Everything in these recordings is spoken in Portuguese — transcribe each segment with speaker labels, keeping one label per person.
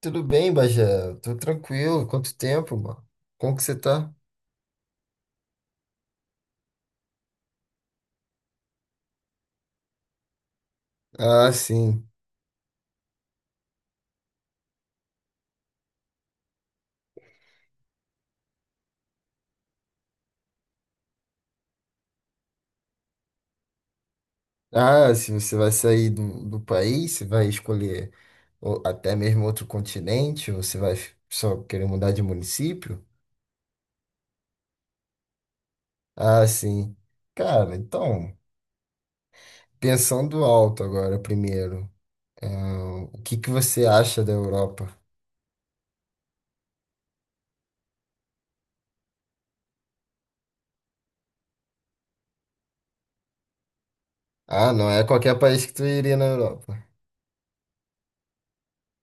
Speaker 1: Tudo bem, Bagé? Tô tranquilo. Quanto tempo, mano? Como que você tá? Ah, sim. Ah, se você vai sair do país, você vai escolher ou até mesmo outro continente, ou você vai só querer mudar de município? Ah, sim. Cara, então, pensando alto agora primeiro, o que que você acha da Europa? Ah, não é qualquer país que tu iria na Europa.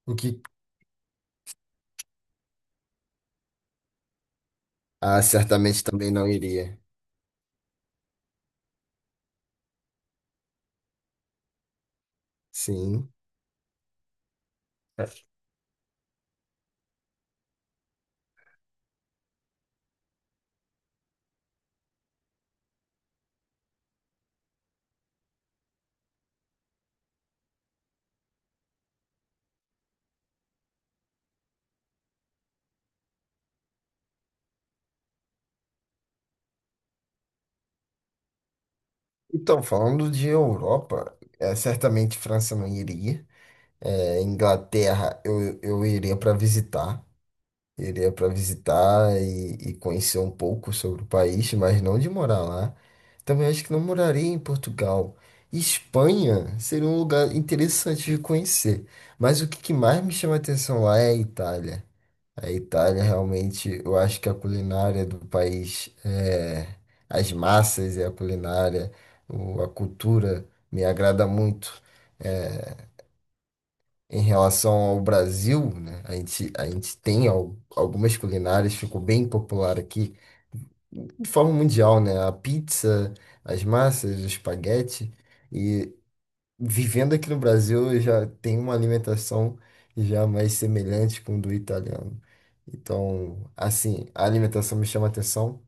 Speaker 1: O que? Ah, certamente também não iria. Sim. Então, falando de Europa, certamente França não iria. Inglaterra eu iria para visitar. Iria para visitar e conhecer um pouco sobre o país, mas não de morar lá. Também acho que não moraria em Portugal. Espanha seria um lugar interessante de conhecer. Mas o que que mais me chama a atenção lá é a Itália. A Itália realmente, eu acho que a culinária do país, as massas e a culinária, a cultura me agrada muito. É, Em relação ao Brasil, né, a gente tem algumas culinárias, ficou bem popular aqui, de forma mundial, né? A pizza, as massas, o espaguete vivendo aqui no Brasil, eu já tenho uma alimentação já mais semelhante com do italiano. Então, assim, a alimentação me chama atenção.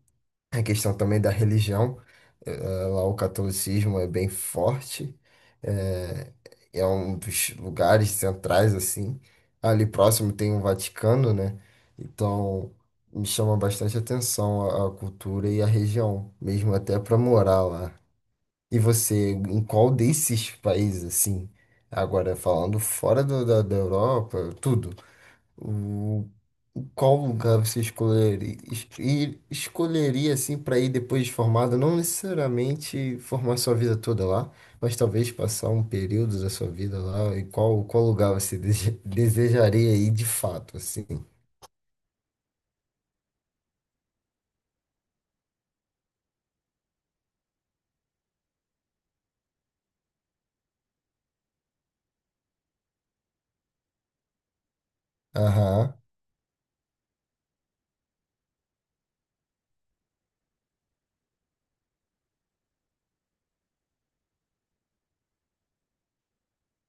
Speaker 1: A questão também da religião, lá o catolicismo é bem forte, eh, um dos lugares centrais, assim. Ali próximo tem o Vaticano, né? Então, me chama bastante atenção a cultura e a região, mesmo até para morar lá. E você, em qual desses países, assim, agora falando fora da Europa, tudo, o, qual lugar você escolheria, e escolheria, assim, para ir depois de formado, não necessariamente formar sua vida toda lá, mas talvez passar um período da sua vida lá, e qual lugar você desejaria ir de fato, assim? Aham,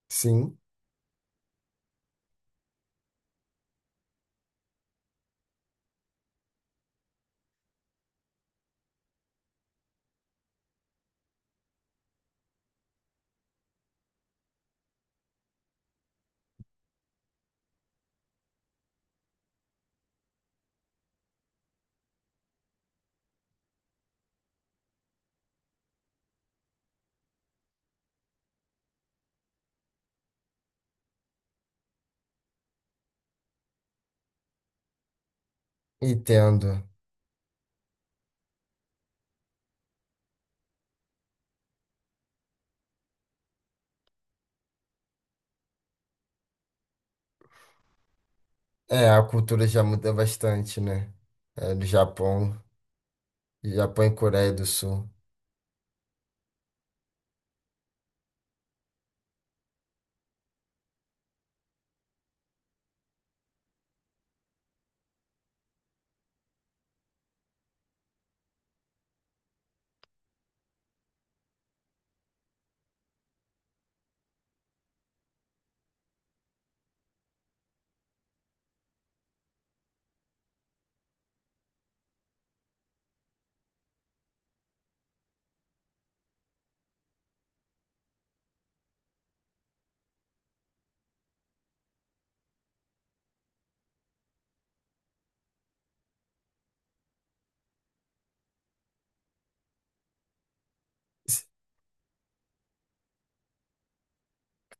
Speaker 1: sim, entendo. É, a cultura já muda bastante, né? É, no Japão. Japão e Coreia do Sul.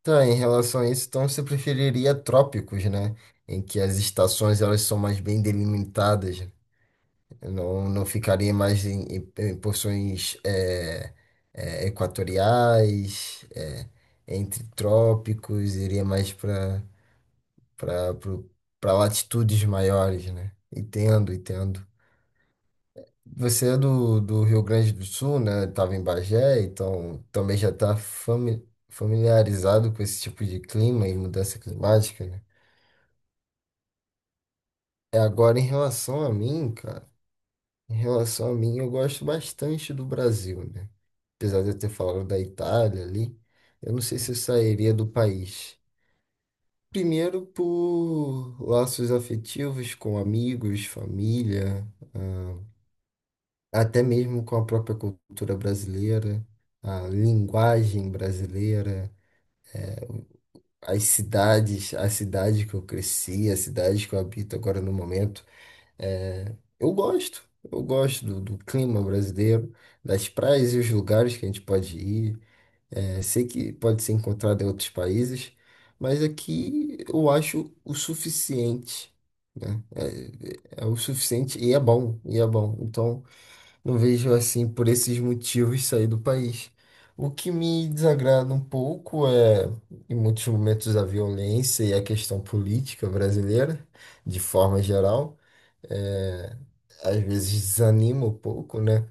Speaker 1: Tá, em relação a isso, então você preferiria trópicos, né? Em que as estações elas são mais bem delimitadas, não, não ficaria mais em porções equatoriais, entre trópicos, iria mais para latitudes maiores, né? Entendo, entendo. Você é do Rio Grande do Sul, né? Estava em Bagé, então também já está familiarizado com esse tipo de clima e mudança climática, né? É agora em relação a mim, cara. Em relação a mim, eu gosto bastante do Brasil, né? Apesar de eu ter falado da Itália ali, eu não sei se eu sairia do país. Primeiro por laços afetivos com amigos, família, ah, até mesmo com a própria cultura brasileira, a linguagem brasileira, as cidades, a cidade que eu cresci, a cidade que eu habito agora no momento, eu gosto. Eu gosto do clima brasileiro, das praias e os lugares que a gente pode ir. Sei que pode ser encontrado em outros países, mas aqui eu acho o suficiente. É, é o suficiente e é bom, e é bom. Então, não vejo assim por esses motivos sair do país. O que me desagrada um pouco é, em muitos momentos, a violência e a questão política brasileira, de forma geral, é, às vezes desanima um pouco, né?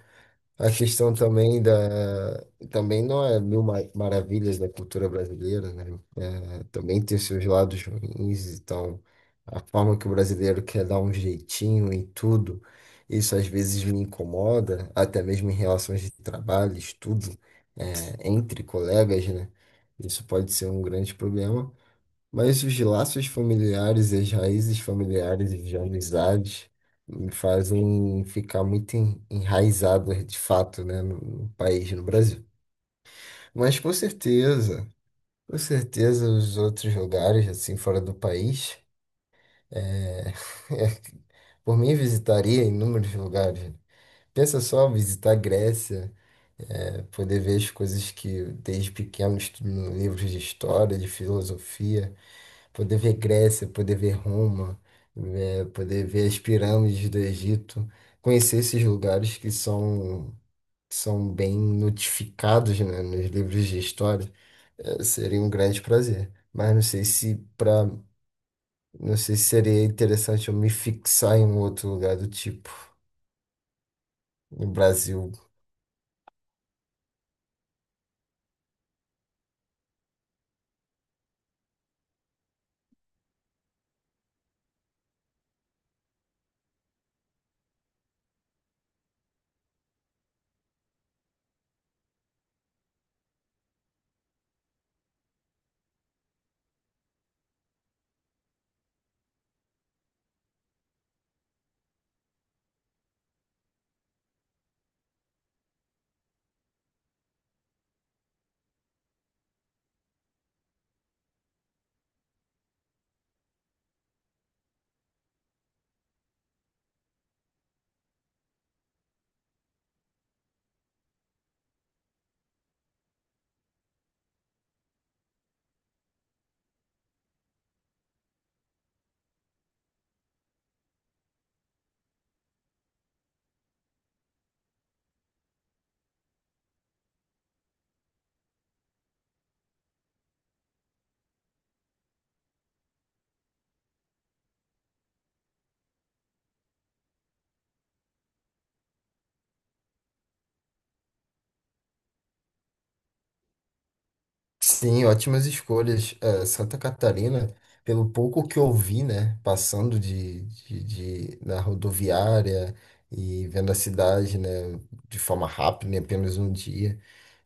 Speaker 1: A questão também também não é mil maravilhas da cultura brasileira, né? Também tem seus lados ruins, então a forma que o brasileiro quer dar um jeitinho em tudo, isso às vezes me incomoda, até mesmo em relações de trabalho, estudo, entre colegas, né? Isso pode ser um grande problema, mas os laços familiares, e as raízes familiares e de amizades me fazem ficar muito enraizado de fato, né, no país, no Brasil. Mas com certeza. Com certeza, os outros lugares, assim, fora do país. É, Por mim, visitaria inúmeros lugares. Pensa só, visitar a Grécia, poder ver as coisas que desde pequeno estudo em livros de história, de filosofia, poder ver Grécia, poder ver Roma, poder ver as pirâmides do Egito, conhecer esses lugares que são, bem notificados, né, nos livros de história, seria um grande prazer. Não sei se seria interessante eu me fixar em um outro lugar do tipo. No Brasil. Sim, ótimas escolhas. Santa Catarina, pelo pouco que eu vi, né? Passando na rodoviária e vendo a cidade, né? De forma rápida, em apenas um dia.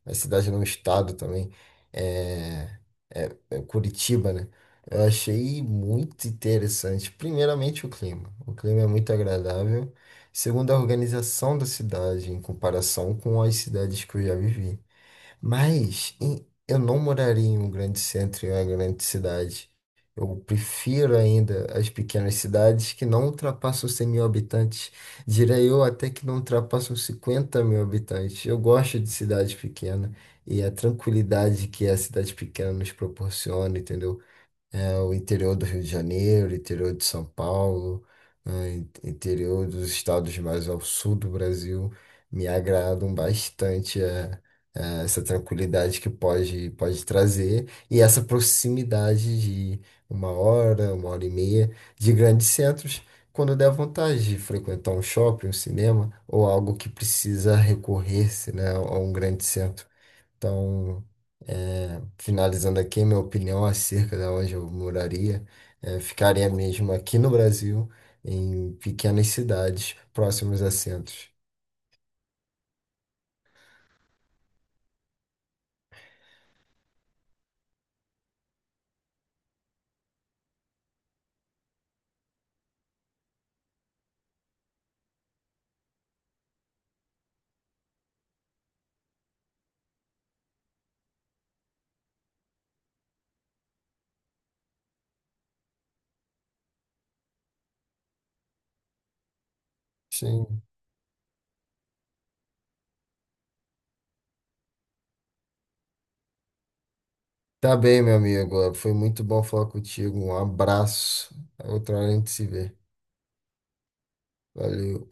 Speaker 1: Na cidade, não, estado também, é, é Curitiba, né? Eu achei muito interessante. Primeiramente, o clima. O clima é muito agradável. Segundo, a organização da cidade, em comparação com as cidades que eu já vivi. Mas eu não moraria em um grande centro, em uma grande cidade. Eu prefiro ainda as pequenas cidades que não ultrapassam 100 mil habitantes. Diria eu até que não ultrapassam 50 mil habitantes. Eu gosto de cidade pequena e a tranquilidade que a cidade pequena nos proporciona, entendeu? O interior do Rio de Janeiro, o interior de São Paulo, né, interior dos estados mais ao sul do Brasil me agradam bastante. Essa tranquilidade que pode trazer e essa proximidade de uma hora e meia de grandes centros, quando der vontade de frequentar um shopping, um cinema ou algo que precisa recorrer-se, né, a um grande centro. Então, finalizando aqui, minha opinião acerca de onde eu moraria, ficaria mesmo aqui no Brasil, em pequenas cidades próximas a centros. Sim. Tá bem, meu amigo. Foi muito bom falar contigo. Um abraço. Outra hora a gente se vê. Valeu.